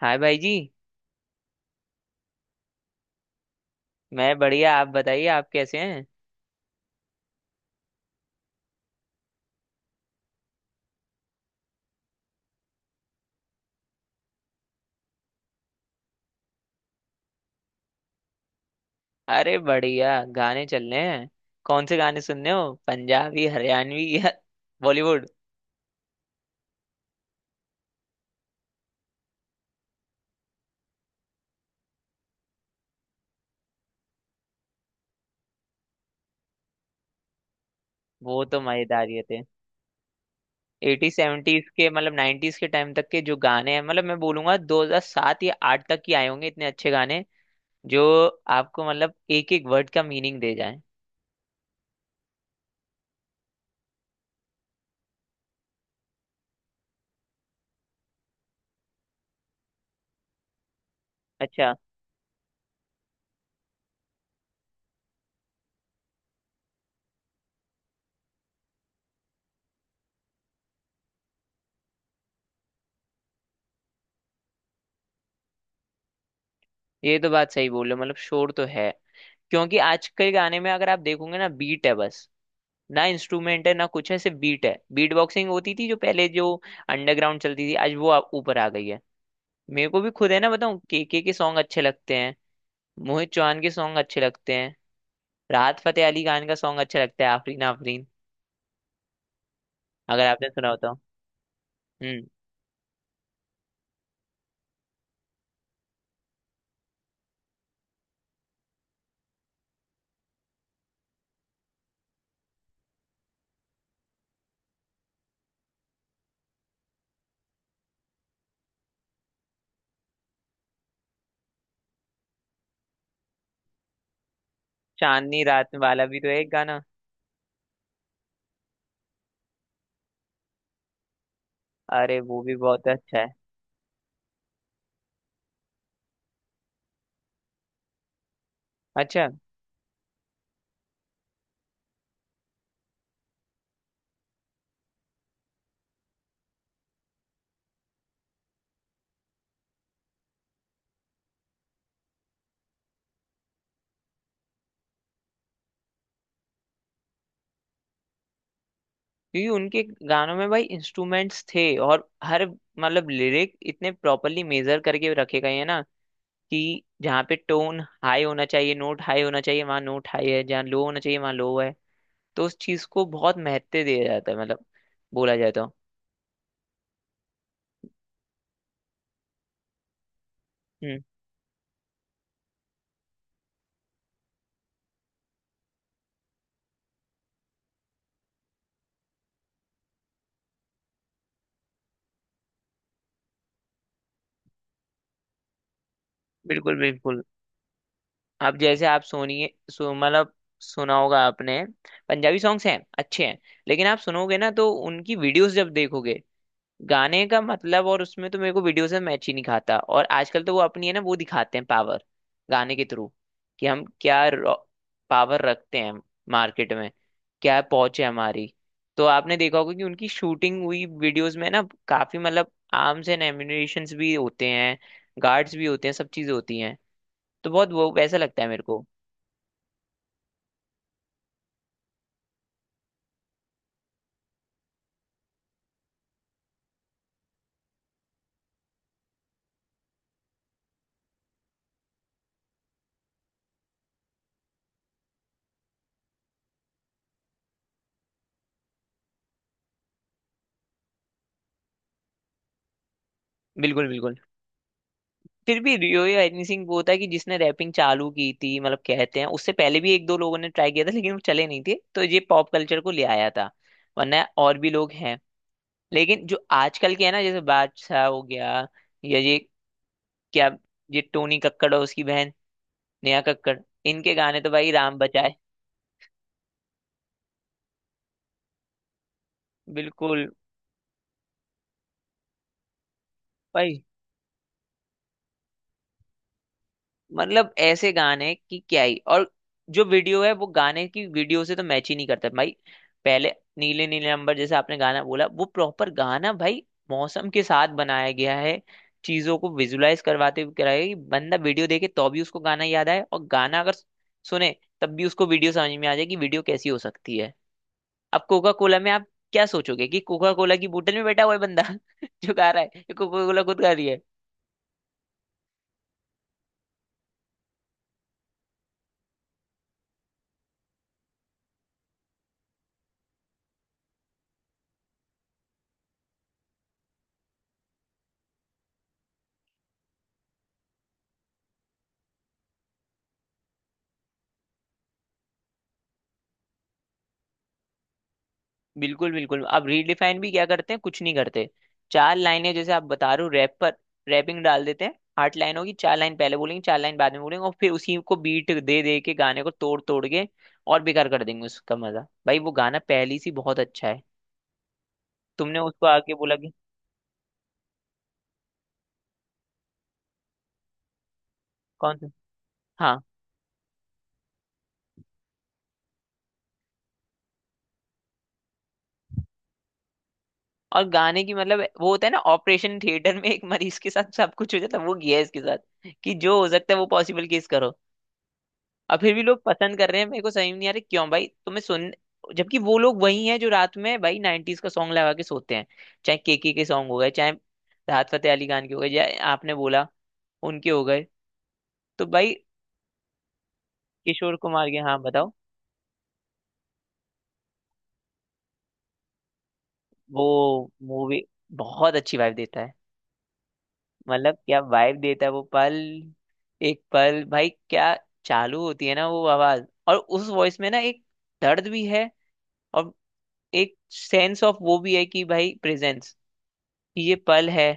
हाय भाई जी। मैं बढ़िया, आप बताइए आप कैसे हैं। अरे बढ़िया। गाने चल रहे हैं। कौन से गाने सुनने हो, पंजाबी हरियाणवी या बॉलीवुड। वो तो मजेदार ही थे। एटी सेवेंटीज के मतलब नाइन्टीज के टाइम तक के जो गाने हैं, मतलब मैं बोलूंगा 2007 या 8 तक ही आए होंगे इतने अच्छे गाने जो आपको मतलब एक एक वर्ड का मीनिंग दे जाए। अच्छा। ये तो बात सही बोल रहे हो, मतलब शोर तो है। क्योंकि आजकल गाने में अगर आप देखोगे ना, बीट है बस। ना इंस्ट्रूमेंट है ना कुछ है, सिर्फ बीट है। बीट बॉक्सिंग होती थी जो पहले जो अंडरग्राउंड चलती थी, आज वो ऊपर आ गई है। मेरे को भी खुद है ना, बताऊं, केके के सॉन्ग अच्छे लगते हैं। मोहित चौहान के सॉन्ग अच्छे लगते हैं। राहत फतेह अली खान का सॉन्ग अच्छा लगता है, आफरीन आफरीन, अगर आपने सुना हो तो। हम्म। चांदनी रात वाला भी तो है एक गाना। अरे वो भी बहुत अच्छा है। अच्छा। क्योंकि उनके गानों में भाई इंस्ट्रूमेंट्स थे, और हर मतलब लिरिक इतने प्रॉपरली मेजर करके रखे गए हैं ना, कि जहाँ पे टोन हाई होना चाहिए, नोट हाई होना चाहिए वहाँ नोट हाई है, जहाँ लो होना चाहिए वहाँ लो है। तो उस चीज को बहुत महत्व दिया जाता है, मतलब बोला जाता है। हम्म। बिल्कुल, बिल्कुल। अब जैसे आप सुनिए, मतलब सुना होगा आपने, पंजाबी सॉन्ग्स हैं अच्छे हैं। लेकिन आप सुनोगे ना, तो उनकी वीडियोस जब देखोगे, गाने का मतलब और उसमें तो मेरे को वीडियो से मैच ही नहीं खाता। और आजकल तो वो अपनी है ना, वो दिखाते हैं पावर गाने के थ्रू, कि हम क्या पावर रखते हैं मार्केट में, क्या पहुंच है हमारी। तो आपने देखा होगा कि उनकी शूटिंग हुई वीडियोस में ना, काफी मतलब आर्म्स एंड एम्युनिशंस भी होते हैं, गार्ड्स भी होते हैं, सब चीजें होती हैं। तो बहुत वो वैसा लगता है मेरे को। बिल्कुल, बिल्कुल। फिर भी रियो या एनीसिंह वो था कि जिसने रैपिंग चालू की थी, मतलब कहते हैं उससे पहले भी एक दो लोगों ने ट्राई किया था लेकिन वो चले नहीं थे, तो ये पॉप कल्चर को ले आया था। वरना और भी लोग हैं, लेकिन जो आजकल के है ना, जैसे बादशाह हो गया, या ये क्या, ये टोनी कक्कड़ और उसकी बहन नेहा कक्कड़, इनके गाने तो भाई राम बचाए। बिल्कुल। भाई मतलब ऐसे गाने की क्या ही, और जो वीडियो है वो गाने की वीडियो से तो मैच ही नहीं करता भाई। पहले, नीले नीले अंबर जैसे आपने गाना बोला, वो प्रॉपर गाना भाई मौसम के साथ बनाया गया है, चीजों को विजुलाइज करवाते हुए कराया गया है कि बंदा वीडियो देखे तो भी उसको गाना याद आए, और गाना अगर सुने तब भी उसको वीडियो समझ में आ जाए कि वीडियो कैसी हो सकती है। अब कोका कोला में आप क्या सोचोगे, कि कोका कोला की बोतल में बैठा हुआ है बंदा जो गा रहा है, कोका कोला खुद गा रही है। बिल्कुल, बिल्कुल। अब रीडिफाइन भी क्या करते हैं, कुछ नहीं करते। चार लाइनें, जैसे आप बता रहे हो, रैप पर रैपिंग डाल देते हैं, आठ लाइन होगी, चार लाइन पहले बोलेंगे चार लाइन बाद में बोलेंगे, और फिर उसी को बीट दे दे के गाने को तोड़ तोड़ के और बेकार कर देंगे उसका मजा। भाई वो गाना पहली सी बहुत अच्छा है, तुमने उसको आके बोला कि। कौन सा। हाँ। और गाने की मतलब वो होता है ना, ऑपरेशन थिएटर में एक मरीज के साथ सब कुछ हो जाता है, वो किया है इसके साथ, कि जो हो सकता है वो पॉसिबल केस करो। अब फिर भी लोग पसंद कर रहे हैं, मेरे को समझ में नहीं आ रहा क्यों भाई, तुम्हें सुन, जबकि वो लोग वही हैं जो रात में भाई 90s का सॉन्ग लगा के सोते हैं। चाहे केके के सॉन्ग हो गए, चाहे राहत फतेह अली खान के हो गए, या आपने बोला उनके हो गए, तो भाई। किशोर कुमार के, हाँ, बताओ। वो मूवी बहुत अच्छी वाइब देता है। मतलब क्या वाइब देता है वो पल। एक पल भाई, क्या चालू होती है ना वो आवाज, और उस वॉइस में ना एक दर्द भी है, और एक सेंस ऑफ वो भी है कि भाई प्रेजेंस, ये पल है।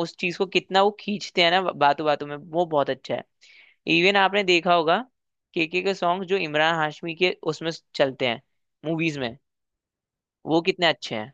उस चीज को कितना वो खींचते हैं ना बातों बातों में, वो बहुत अच्छा है। इवन आपने देखा होगा, केके के सॉन्ग जो इमरान हाशमी के उसमें चलते हैं मूवीज में, वो कितने अच्छे हैं।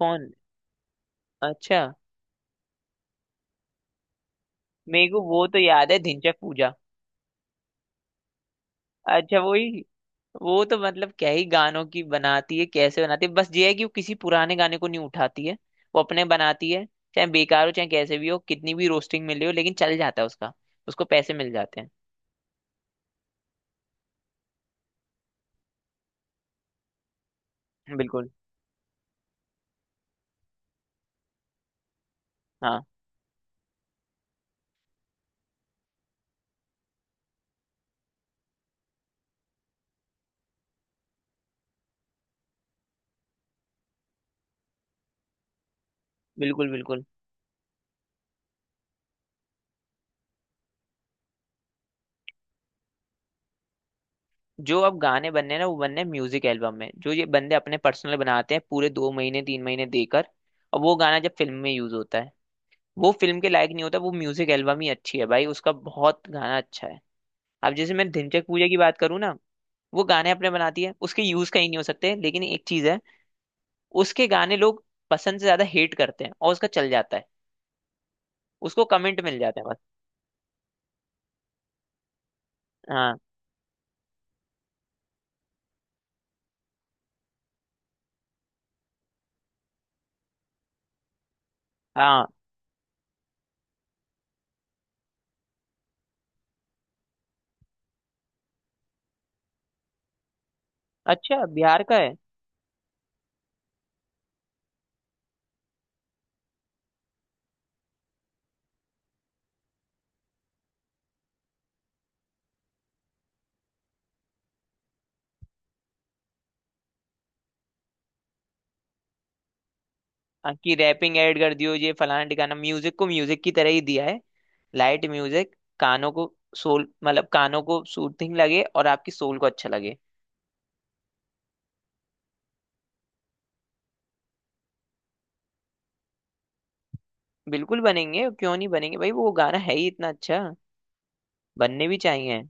कौन। अच्छा। मेरे को वो तो याद है, ढिंचैक पूजा। अच्छा, वही। वो तो मतलब क्या ही गानों की बनाती है, कैसे बनाती है, बस ये है कि वो किसी पुराने गाने को नहीं उठाती है, वो अपने बनाती है। चाहे बेकार हो चाहे कैसे भी हो, कितनी भी रोस्टिंग मिली हो, लेकिन चल जाता है उसका, उसको पैसे मिल जाते हैं। बिल्कुल। हाँ। बिल्कुल, बिल्कुल। जो अब गाने बनने हैं ना, वो बनने हैं म्यूजिक एल्बम में जो ये बंदे अपने पर्सनल बनाते हैं, पूरे दो महीने तीन महीने देकर। और वो गाना जब फिल्म में यूज होता है, वो फिल्म के लायक नहीं होता, वो म्यूजिक एल्बम ही अच्छी है भाई, उसका बहुत गाना अच्छा है। अब जैसे मैं धिनचक पूजा की बात करूँ ना, वो गाने अपने बनाती है, उसके यूज कहीं नहीं हो सकते, लेकिन एक चीज है, उसके गाने लोग पसंद से ज्यादा हेट करते हैं, और उसका चल जाता है, उसको कमेंट मिल जाता है बस। हाँ, हाँ। अच्छा, बिहार का है। हाँ, कि रैपिंग ऐड कर दियो ये फलाना ठिकाना, म्यूजिक को म्यूजिक की तरह ही दिया है। लाइट म्यूजिक कानों को सोल, मतलब कानों को सूथिंग लगे, और आपकी सोल को अच्छा लगे। बिल्कुल बनेंगे, क्यों नहीं बनेंगे भाई, वो गाना है ही इतना अच्छा, बनने भी चाहिए।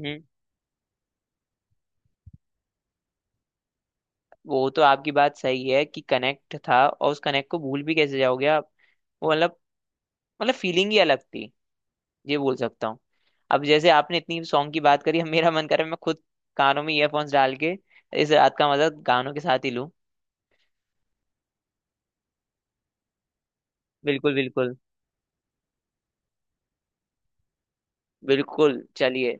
हम्म। वो तो आपकी बात सही है कि कनेक्ट था, और उस कनेक्ट को भूल भी कैसे जाओगे आप। वो मतलब फीलिंग ही अलग थी, ये बोल सकता हूँ। अब जैसे आपने इतनी सॉन्ग की बात करी, अब मेरा मन कर रहा है मैं खुद कानों में ईयरफोन्स डाल के इस रात का मजा गानों के साथ ही लूं। बिल्कुल, बिल्कुल। बिल्कुल, चलिए।